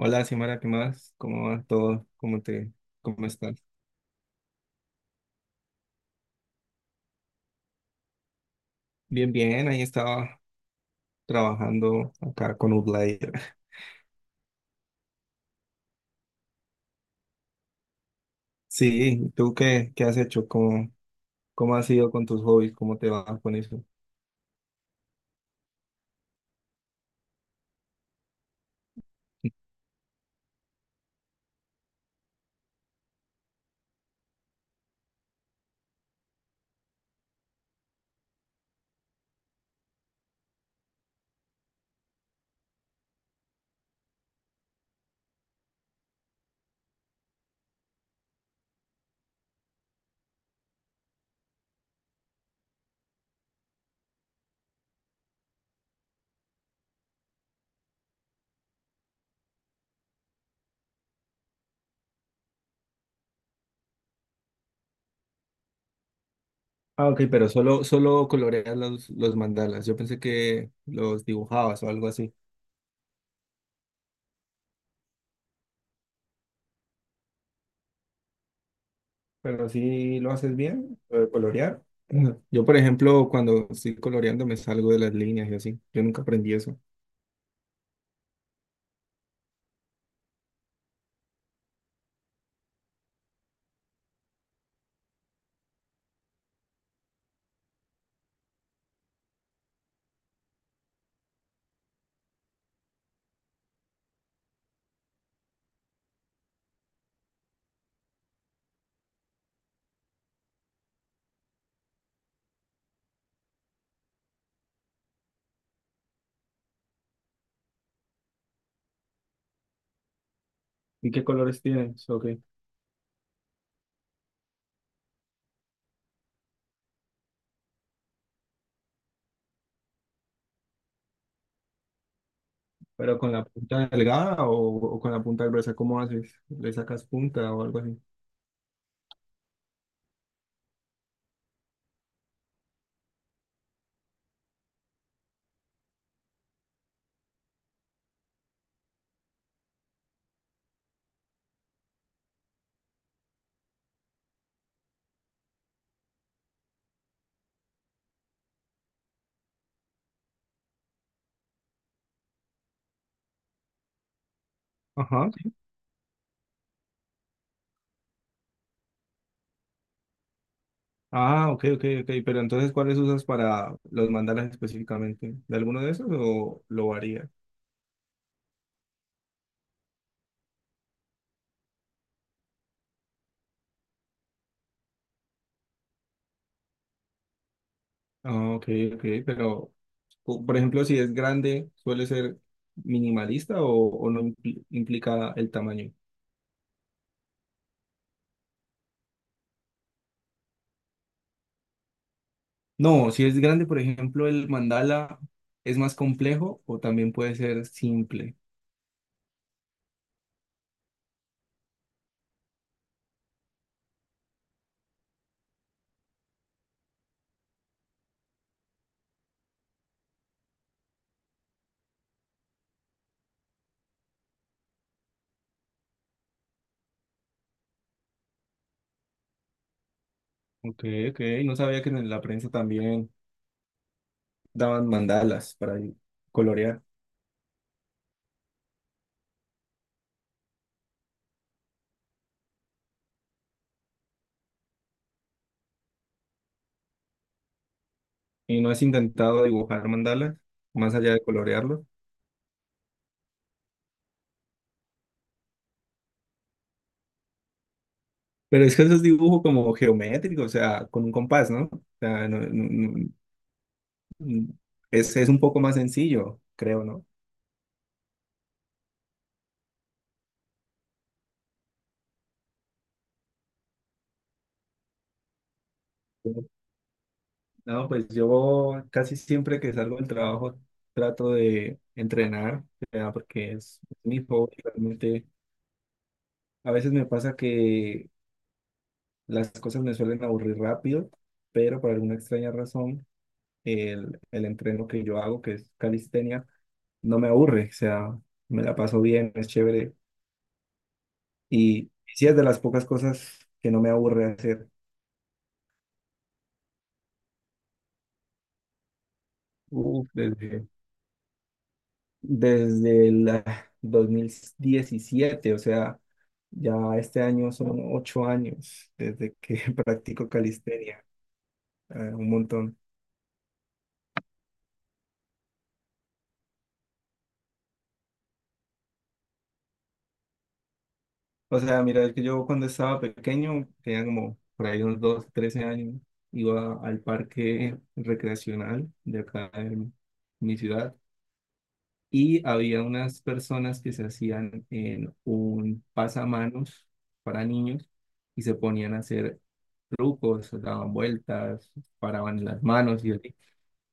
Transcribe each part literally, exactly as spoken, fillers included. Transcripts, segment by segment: Hola, Simara, ¿qué más? ¿Cómo va todo? ¿Cómo te, ¿cómo estás? Bien, bien, ahí estaba trabajando acá con Outlier. Sí, ¿tú qué, ¿qué has hecho? ¿Cómo, ¿cómo has ido con tus hobbies? ¿Cómo te va con eso? Ah, ok, pero solo, solo coloreas los, los mandalas. Yo pensé que los dibujabas o algo así. Pero sí lo haces bien, lo de colorear. Ujú. Yo, por ejemplo, cuando estoy coloreando me salgo de las líneas y así. Yo nunca aprendí eso. ¿Y qué colores tienes? Ok. ¿Pero con la punta delgada o, o con la punta gruesa? ¿Cómo haces? ¿Le sacas punta o algo así? Ajá, sí. Ah, ok, ok, ok. Pero entonces, ¿cuáles usas para los mandalas específicamente? ¿De alguno de esos o lo varía? Ah, ok, ok. Pero, o- por ejemplo, si es grande, ¿suele ser minimalista o, o no impli- implica el tamaño? No, si es grande, por ejemplo, el mandala es más complejo o también puede ser simple. Ok, ok. No sabía que en la prensa también daban mandalas para colorear. Y no has intentado dibujar mandalas, más allá de colorearlo. Pero es que eso es dibujo como geométrico, o sea, con un compás, ¿no? O sea, no- no- no- es, es un poco más sencillo, creo, ¿no? No, pues yo casi siempre que salgo del trabajo trato de entrenar, o sea, porque es mi hobby, realmente. A veces me pasa que las cosas me suelen aburrir rápido, pero por alguna extraña razón el, el entreno que yo hago, que es calistenia, no me aburre, o sea, me la paso bien, es chévere. Y sí es de las pocas cosas que no me aburre hacer. Uf, desde, desde el ah, dos mil diecisiete, o sea, ya este año son ocho años desde que practico calistenia, eh, un montón. O sea, mira, es que yo cuando estaba pequeño, tenía como por ahí unos doce, trece años, iba al parque recreacional de acá en mi ciudad y había unas personas que se hacían en un pasamanos para niños y se ponían a hacer trucos, daban vueltas, paraban las manos y así.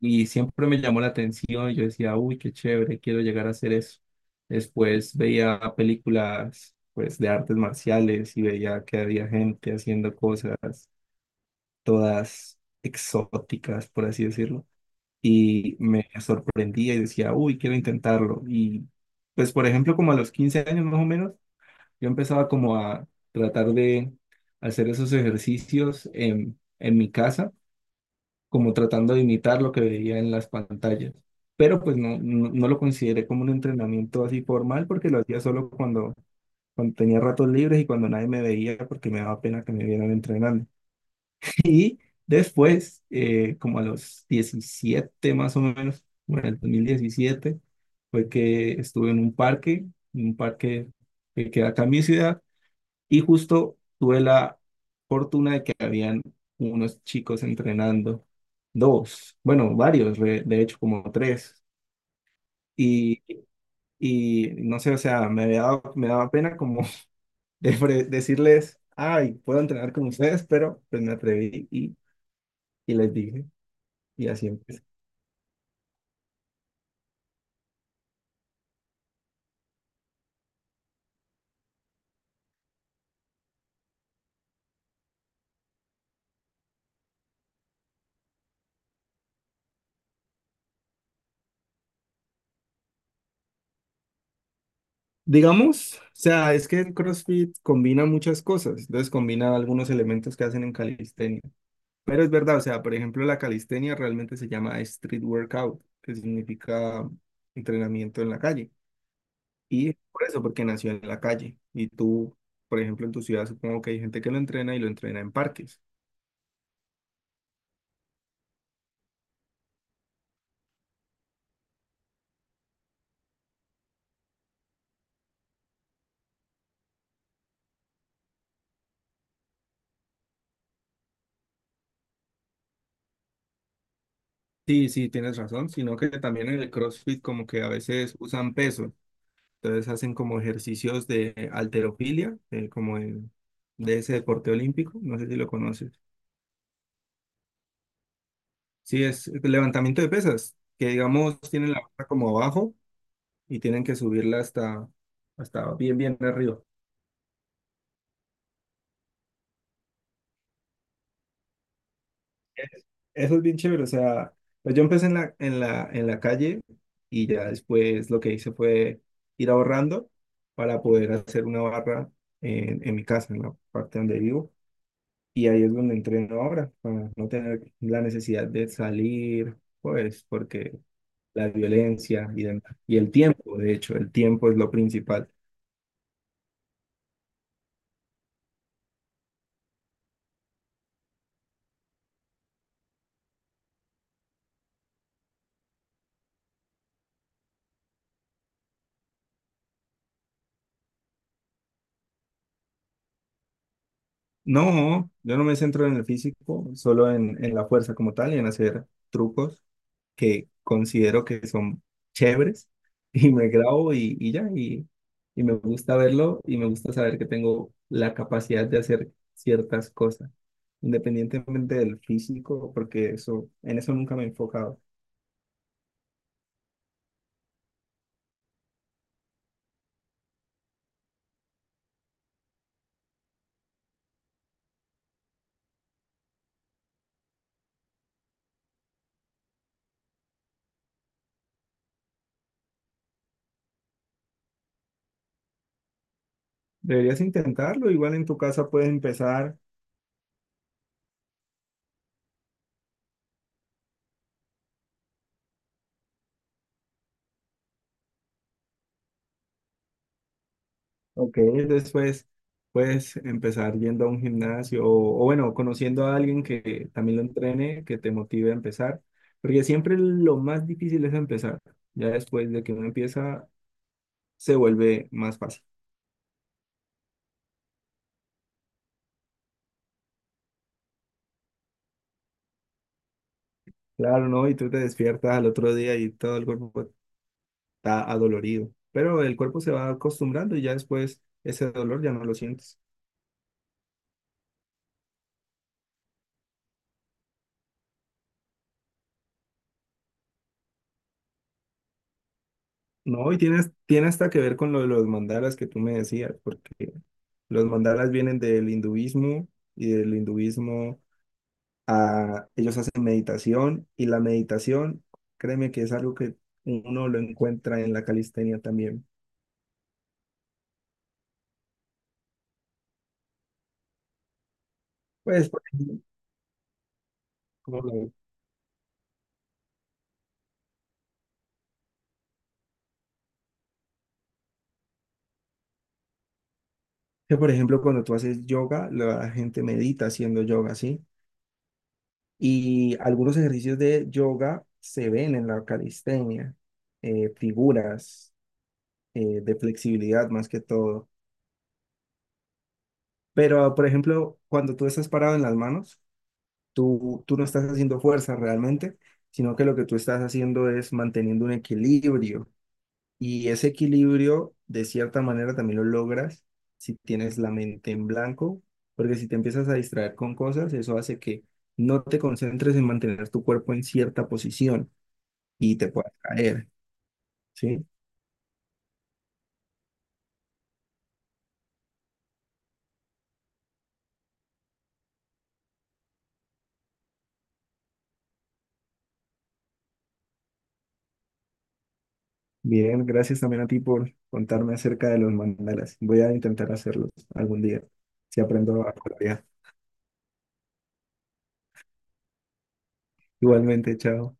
Y siempre me llamó la atención, yo decía, uy, qué chévere, quiero llegar a hacer eso. Después veía películas, pues, de artes marciales y veía que había gente haciendo cosas todas exóticas, por así decirlo. Y me sorprendía y decía, uy, quiero intentarlo. Y, pues, por ejemplo, como a los quince años más o menos, yo empezaba como a tratar de hacer esos ejercicios en, en mi casa como tratando de imitar lo que veía en las pantallas. Pero pues no, no, no lo consideré como un entrenamiento así formal porque lo hacía solo cuando, cuando tenía ratos libres y cuando nadie me veía porque me daba pena que me vieran entrenando. Y después, eh, como a los diecisiete más o menos, bueno, el dos mil diecisiete fue que estuve en un parque, en un parque que queda acá en mi ciudad, y justo tuve la fortuna de que habían unos chicos entrenando, dos, bueno, varios, re- de hecho, como tres. Y, y no sé, o sea, me había dado- me daba pena como de fre- decirles, ay, puedo entrenar con ustedes, pero pues me atreví y, y les dije, y así empecé. Digamos, o sea, es que el CrossFit combina muchas cosas, entonces combina algunos elementos que hacen en calistenia. Pero es verdad, o sea, por ejemplo, la calistenia realmente se llama street workout, que significa entrenamiento en la calle. Y es por eso, porque nació en la calle. Y tú, por ejemplo, en tu ciudad supongo que hay gente que lo entrena y lo entrena en parques. Sí, sí, tienes razón, sino que también en el CrossFit como que a veces usan peso, entonces hacen como ejercicios de halterofilia, eh, como el- de ese deporte olímpico, no sé si lo conoces. Sí, es levantamiento de pesas, que digamos tienen la barra como abajo y tienen que subirla hasta, hasta bien, bien arriba. Eso es bien chévere, o sea, pues yo empecé en la, en la, en la calle y ya después lo que hice fue ir ahorrando para poder hacer una barra en, en mi casa, en la parte donde vivo. Y ahí es donde entreno ahora, para no tener la necesidad de salir, pues, porque la violencia y, dem- y el tiempo, de hecho, el tiempo es lo principal. No, yo no me centro en el físico, solo en, en la fuerza como tal y en hacer trucos que considero que son chéveres y me grabo y, y ya, y, y me gusta verlo y me gusta saber que tengo la capacidad de hacer ciertas cosas, independientemente del físico, porque eso, en eso nunca me he enfocado. Deberías intentarlo, igual en tu casa puedes empezar. Ok, después puedes empezar yendo a un gimnasio o, o bueno, conociendo a alguien que también lo entrene, que te motive a empezar, porque siempre lo más difícil es empezar. Ya después de que uno empieza, se vuelve más fácil. Claro, ¿no? Y tú te despiertas al otro día y todo el cuerpo está adolorido, pero el cuerpo se va acostumbrando y ya después ese dolor ya no lo sientes. No, y tienes, tiene hasta que ver con lo de los mandalas que tú me decías, porque los mandalas vienen del hinduismo y del hinduismo a, ellos hacen meditación y la meditación, créeme que es algo que uno lo encuentra en la calistenia también. Pues, por ejemplo, como lo- que por ejemplo, cuando tú haces yoga, la gente medita haciendo yoga, ¿sí? Y algunos ejercicios de yoga se ven en la calistenia, eh, figuras, eh, de flexibilidad más que todo. Pero, por ejemplo, cuando tú estás parado en las manos, tú, tú no estás haciendo fuerza realmente, sino que lo que tú estás haciendo es manteniendo un equilibrio. Y ese equilibrio, de cierta manera, también lo logras si tienes la mente en blanco, porque si te empiezas a distraer con cosas, eso hace que no te concentres en mantener tu cuerpo en cierta posición y te puedas caer, ¿sí? Bien, gracias también a ti por contarme acerca de los mandalas. Voy a intentar hacerlos algún día, si aprendo a colorear. Igualmente, chao.